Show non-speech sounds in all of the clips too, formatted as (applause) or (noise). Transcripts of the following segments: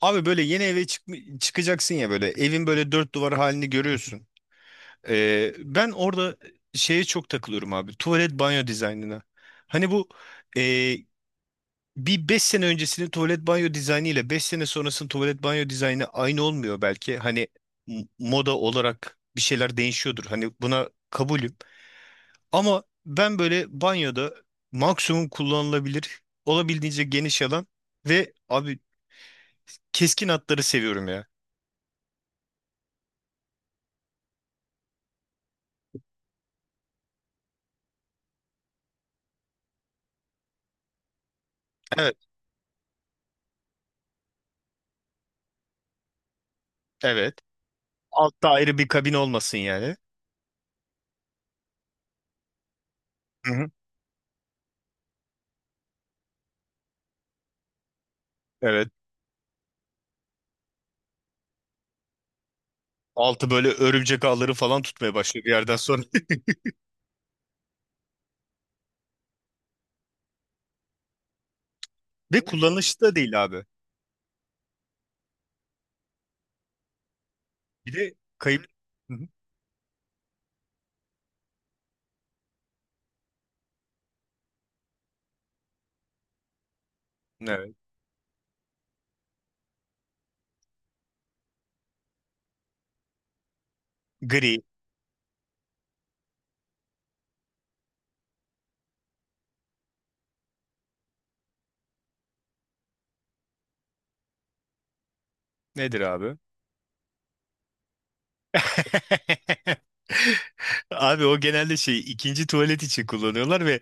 Abi böyle yeni eve çıkacaksın ya, böyle evin böyle dört duvar halini görüyorsun. Ben orada şeye çok takılıyorum abi, tuvalet banyo dizaynına. Hani e, bir 5 sene öncesinin tuvalet banyo dizaynı ile 5 sene sonrasının tuvalet banyo dizaynı aynı olmuyor belki. Hani moda olarak bir şeyler değişiyordur. Hani buna kabulüm. Ama ben böyle banyoda maksimum kullanılabilir, olabildiğince geniş alan ve abi keskin hatları seviyorum ya. Evet. Evet. Altta ayrı bir kabin olmasın yani. Hı hı. Evet. Altı böyle örümcek ağları falan tutmaya başlıyor bir yerden sonra. (laughs) Ve kullanışlı da değil abi. Bir de kayıp. Hı hı. Evet. Gri. Nedir abi? (laughs) Abi o genelde şey, ikinci tuvalet için kullanıyorlar ve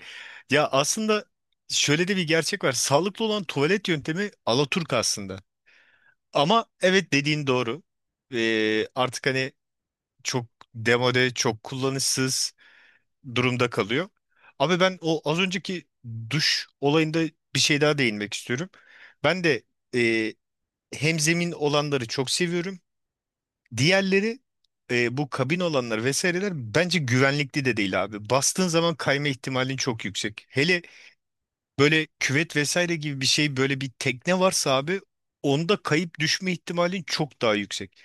ya aslında şöyle de bir gerçek var: sağlıklı olan tuvalet yöntemi alaturk aslında. Ama evet, dediğin doğru. Artık hani çok demode, çok kullanışsız durumda kalıyor. Abi ben o az önceki duş olayında bir şey daha değinmek istiyorum. Ben de e, hemzemin olanları çok seviyorum. Diğerleri, bu kabin olanlar vesaireler bence güvenlikli de değil abi. Bastığın zaman kayma ihtimalin çok yüksek. Hele böyle küvet vesaire gibi bir şey, böyle bir tekne varsa abi, onda kayıp düşme ihtimalin çok daha yüksek.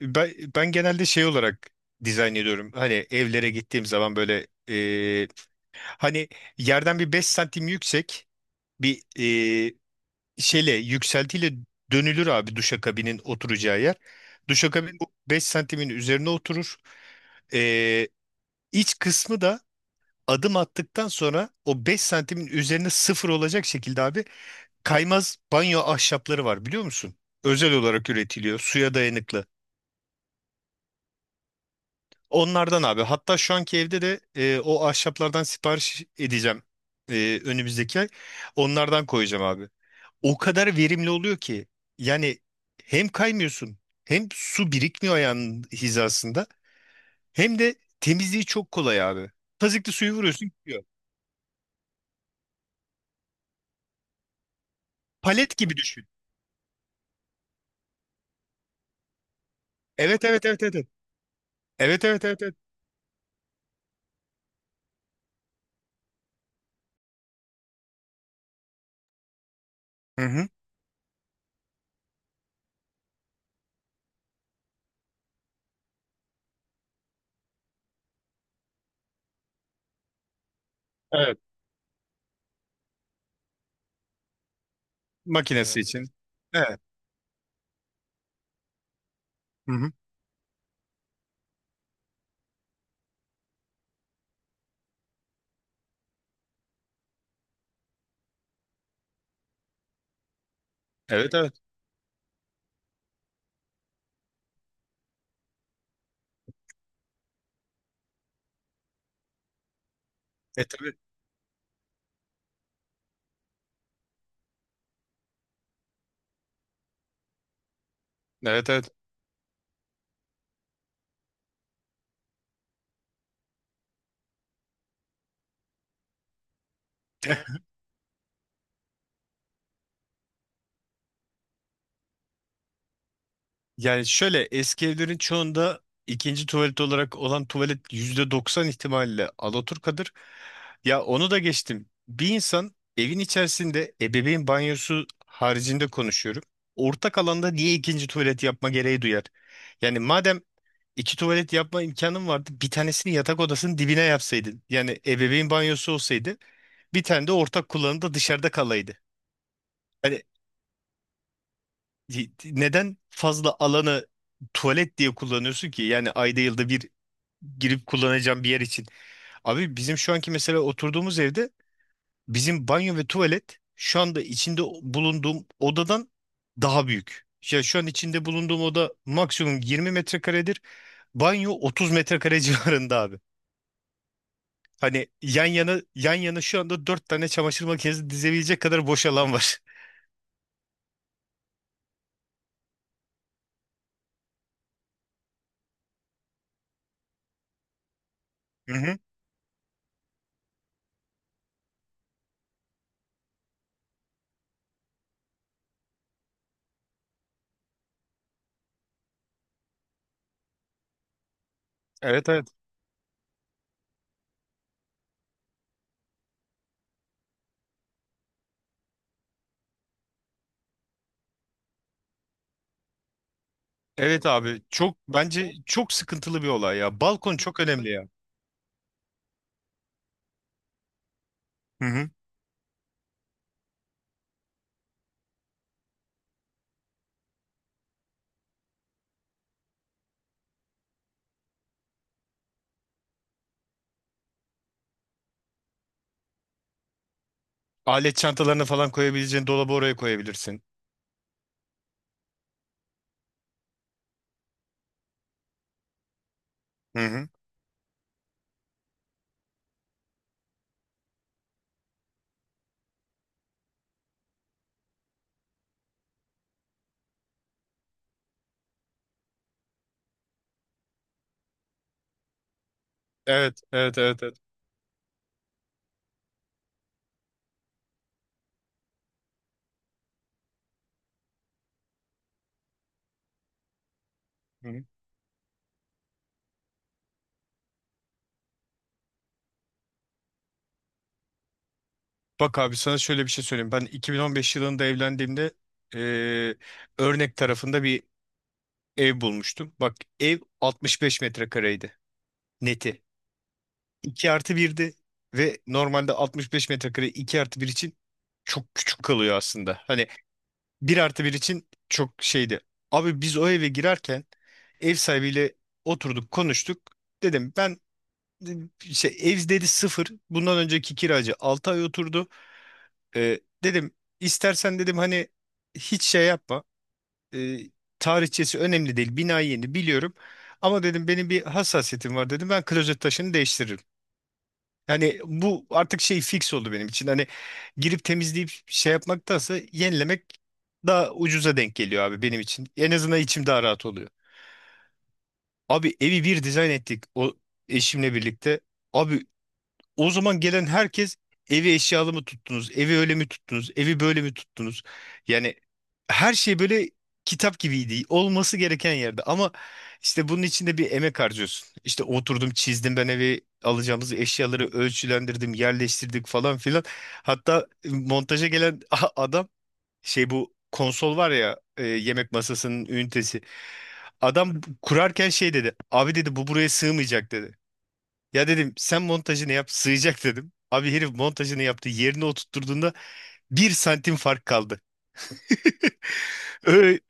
Ben genelde şey olarak dizayn ediyorum. Hani evlere gittiğim zaman böyle hani yerden bir 5 santim yüksek bir e, şeyle, yükseltiyle dönülür abi, duşakabinin oturacağı yer. Duşakabin bu 5 santimin üzerine oturur. E, iç kısmı da adım attıktan sonra o 5 santimin üzerine sıfır olacak şekilde abi, kaymaz banyo ahşapları var, biliyor musun? Özel olarak üretiliyor, suya dayanıklı. Onlardan abi, hatta şu anki evde de o ahşaplardan sipariş edeceğim, önümüzdeki ay. Onlardan koyacağım abi. O kadar verimli oluyor ki yani hem kaymıyorsun, hem su birikmiyor ayağının hizasında, hem de temizliği çok kolay abi. Tazikli suyu vuruyorsun, gidiyor. Palet gibi düşün. Evet, evet, evet, evet. Evet, evet, evet, evet, evet. Hı hı. Evet. Makinesi evet. için. Evet. Hı hı. Evet, evet. E tabii. Evet, evet. Yani şöyle, eski evlerin çoğunda ikinci tuvalet olarak olan tuvalet %90 ihtimalle alaturkadır. Ya onu da geçtim. Bir insan, evin içerisinde ebeveyn banyosu haricinde konuşuyorum. Ortak alanda niye ikinci tuvalet yapma gereği duyar? Yani madem iki tuvalet yapma imkanın vardı, bir tanesini yatak odasının dibine yapsaydın. Yani ebeveyn banyosu olsaydı, bir tane de ortak kullanımda dışarıda kalaydı. Yani neden fazla alanı tuvalet diye kullanıyorsun ki? Yani ayda yılda bir girip kullanacağım bir yer için. Abi bizim şu anki mesela oturduğumuz evde bizim banyo ve tuvalet şu anda içinde bulunduğum odadan daha büyük. Ya şu an içinde bulunduğum oda maksimum 20 metrekaredir. Banyo 30 metrekare (laughs) civarında abi. Hani yan yana şu anda 4 tane çamaşır makinesi dizebilecek kadar boş alan var. Hı hı. Evet, evet. Evet abi, çok, bence çok sıkıntılı bir olay ya. Balkon çok önemli ya. Hı hı. Alet çantalarını falan koyabileceğin dolabı oraya koyabilirsin. Hı hı. Evet, evet, evet, evet. Hı hı. Bak abi, sana şöyle bir şey söyleyeyim. Ben 2015 yılında evlendiğimde eee, örnek tarafında bir ev bulmuştum. Bak ev 65 metrekareydi, neti. 2 artı 1'di ve normalde 65 metrekare 2 artı 1 için çok küçük kalıyor aslında. Hani bir artı bir için çok şeydi. Abi biz o eve girerken ev sahibiyle oturduk, konuştuk. Dedim ben, işte ev dedi sıfır, bundan önceki kiracı 6 ay oturdu. Dedim istersen dedim hani hiç şey yapma. Ee, Tarihçesi önemli değil, bina yeni, biliyorum. Ama dedim benim bir hassasiyetim var dedim, ben klozet taşını değiştiririm. Yani bu artık şey, fix oldu benim için. Hani girip temizleyip şey yapmaktansa yenilemek daha ucuza denk geliyor abi benim için. En azından içim daha rahat oluyor. Abi evi bir dizayn ettik o, eşimle birlikte. Abi o zaman gelen herkes, evi eşyalı mı tuttunuz, evi öyle mi tuttunuz, evi böyle mi tuttunuz? Yani her şey böyle kitap gibiydi, olması gereken yerde. Ama işte bunun içinde bir emek harcıyorsun. İşte oturdum, çizdim, ben evi, alacağımız eşyaları ölçülendirdim, yerleştirdik falan filan. Hatta montaja gelen (laughs) adam, şey, bu konsol var ya, yemek masasının ünitesi. Adam kurarken şey dedi, abi dedi bu buraya sığmayacak dedi. Ya dedim sen montajını yap, sığacak dedim. Abi herif montajını yaptı, yerine oturtturduğunda bir santim fark kaldı. Öyle,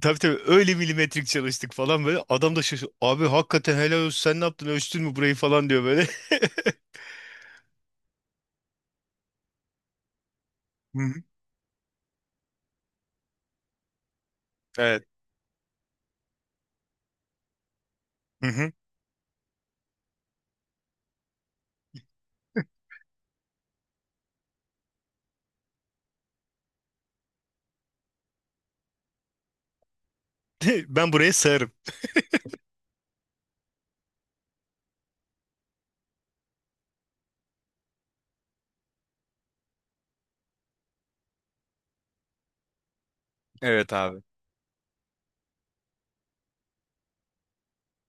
tabii tabii, öyle milimetrik çalıştık falan böyle. Adam da şaşırdı, abi hakikaten helal olsun, sen ne yaptın, ölçtün mü burayı falan diyor böyle. (laughs) Hı hı. Evet. Hı hı. (laughs) Ben buraya sığarım. Evet abi.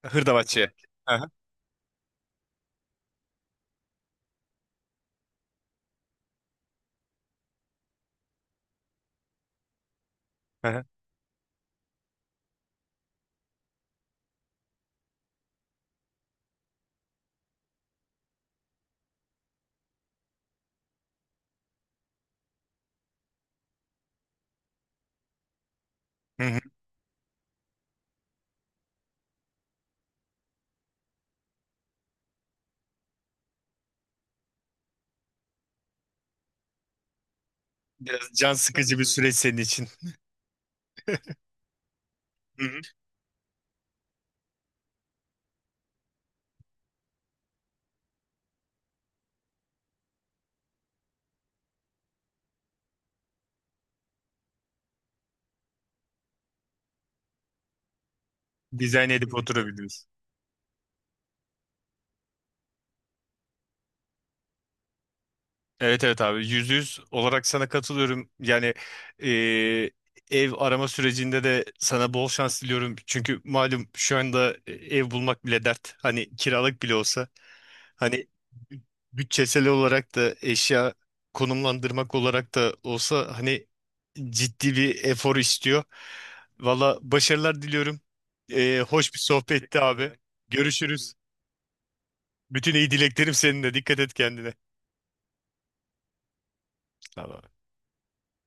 Hırdavatçıya. Aha, aha. Hı hı. Biraz can sıkıcı bir süreç senin için. Hı hı. Dizayn edip oturabiliriz. Evet, evet abi, yüzde yüz olarak sana katılıyorum. Yani e, ev arama sürecinde de sana bol şans diliyorum. Çünkü malum şu anda ev bulmak bile dert, hani kiralık bile olsa. Hani bütçesel olarak da, eşya konumlandırmak olarak da olsa, hani ciddi bir efor istiyor. Valla başarılar diliyorum. E, hoş bir sohbetti abi. Görüşürüz. Bütün iyi dileklerim seninle. Dikkat et kendine. Tamam.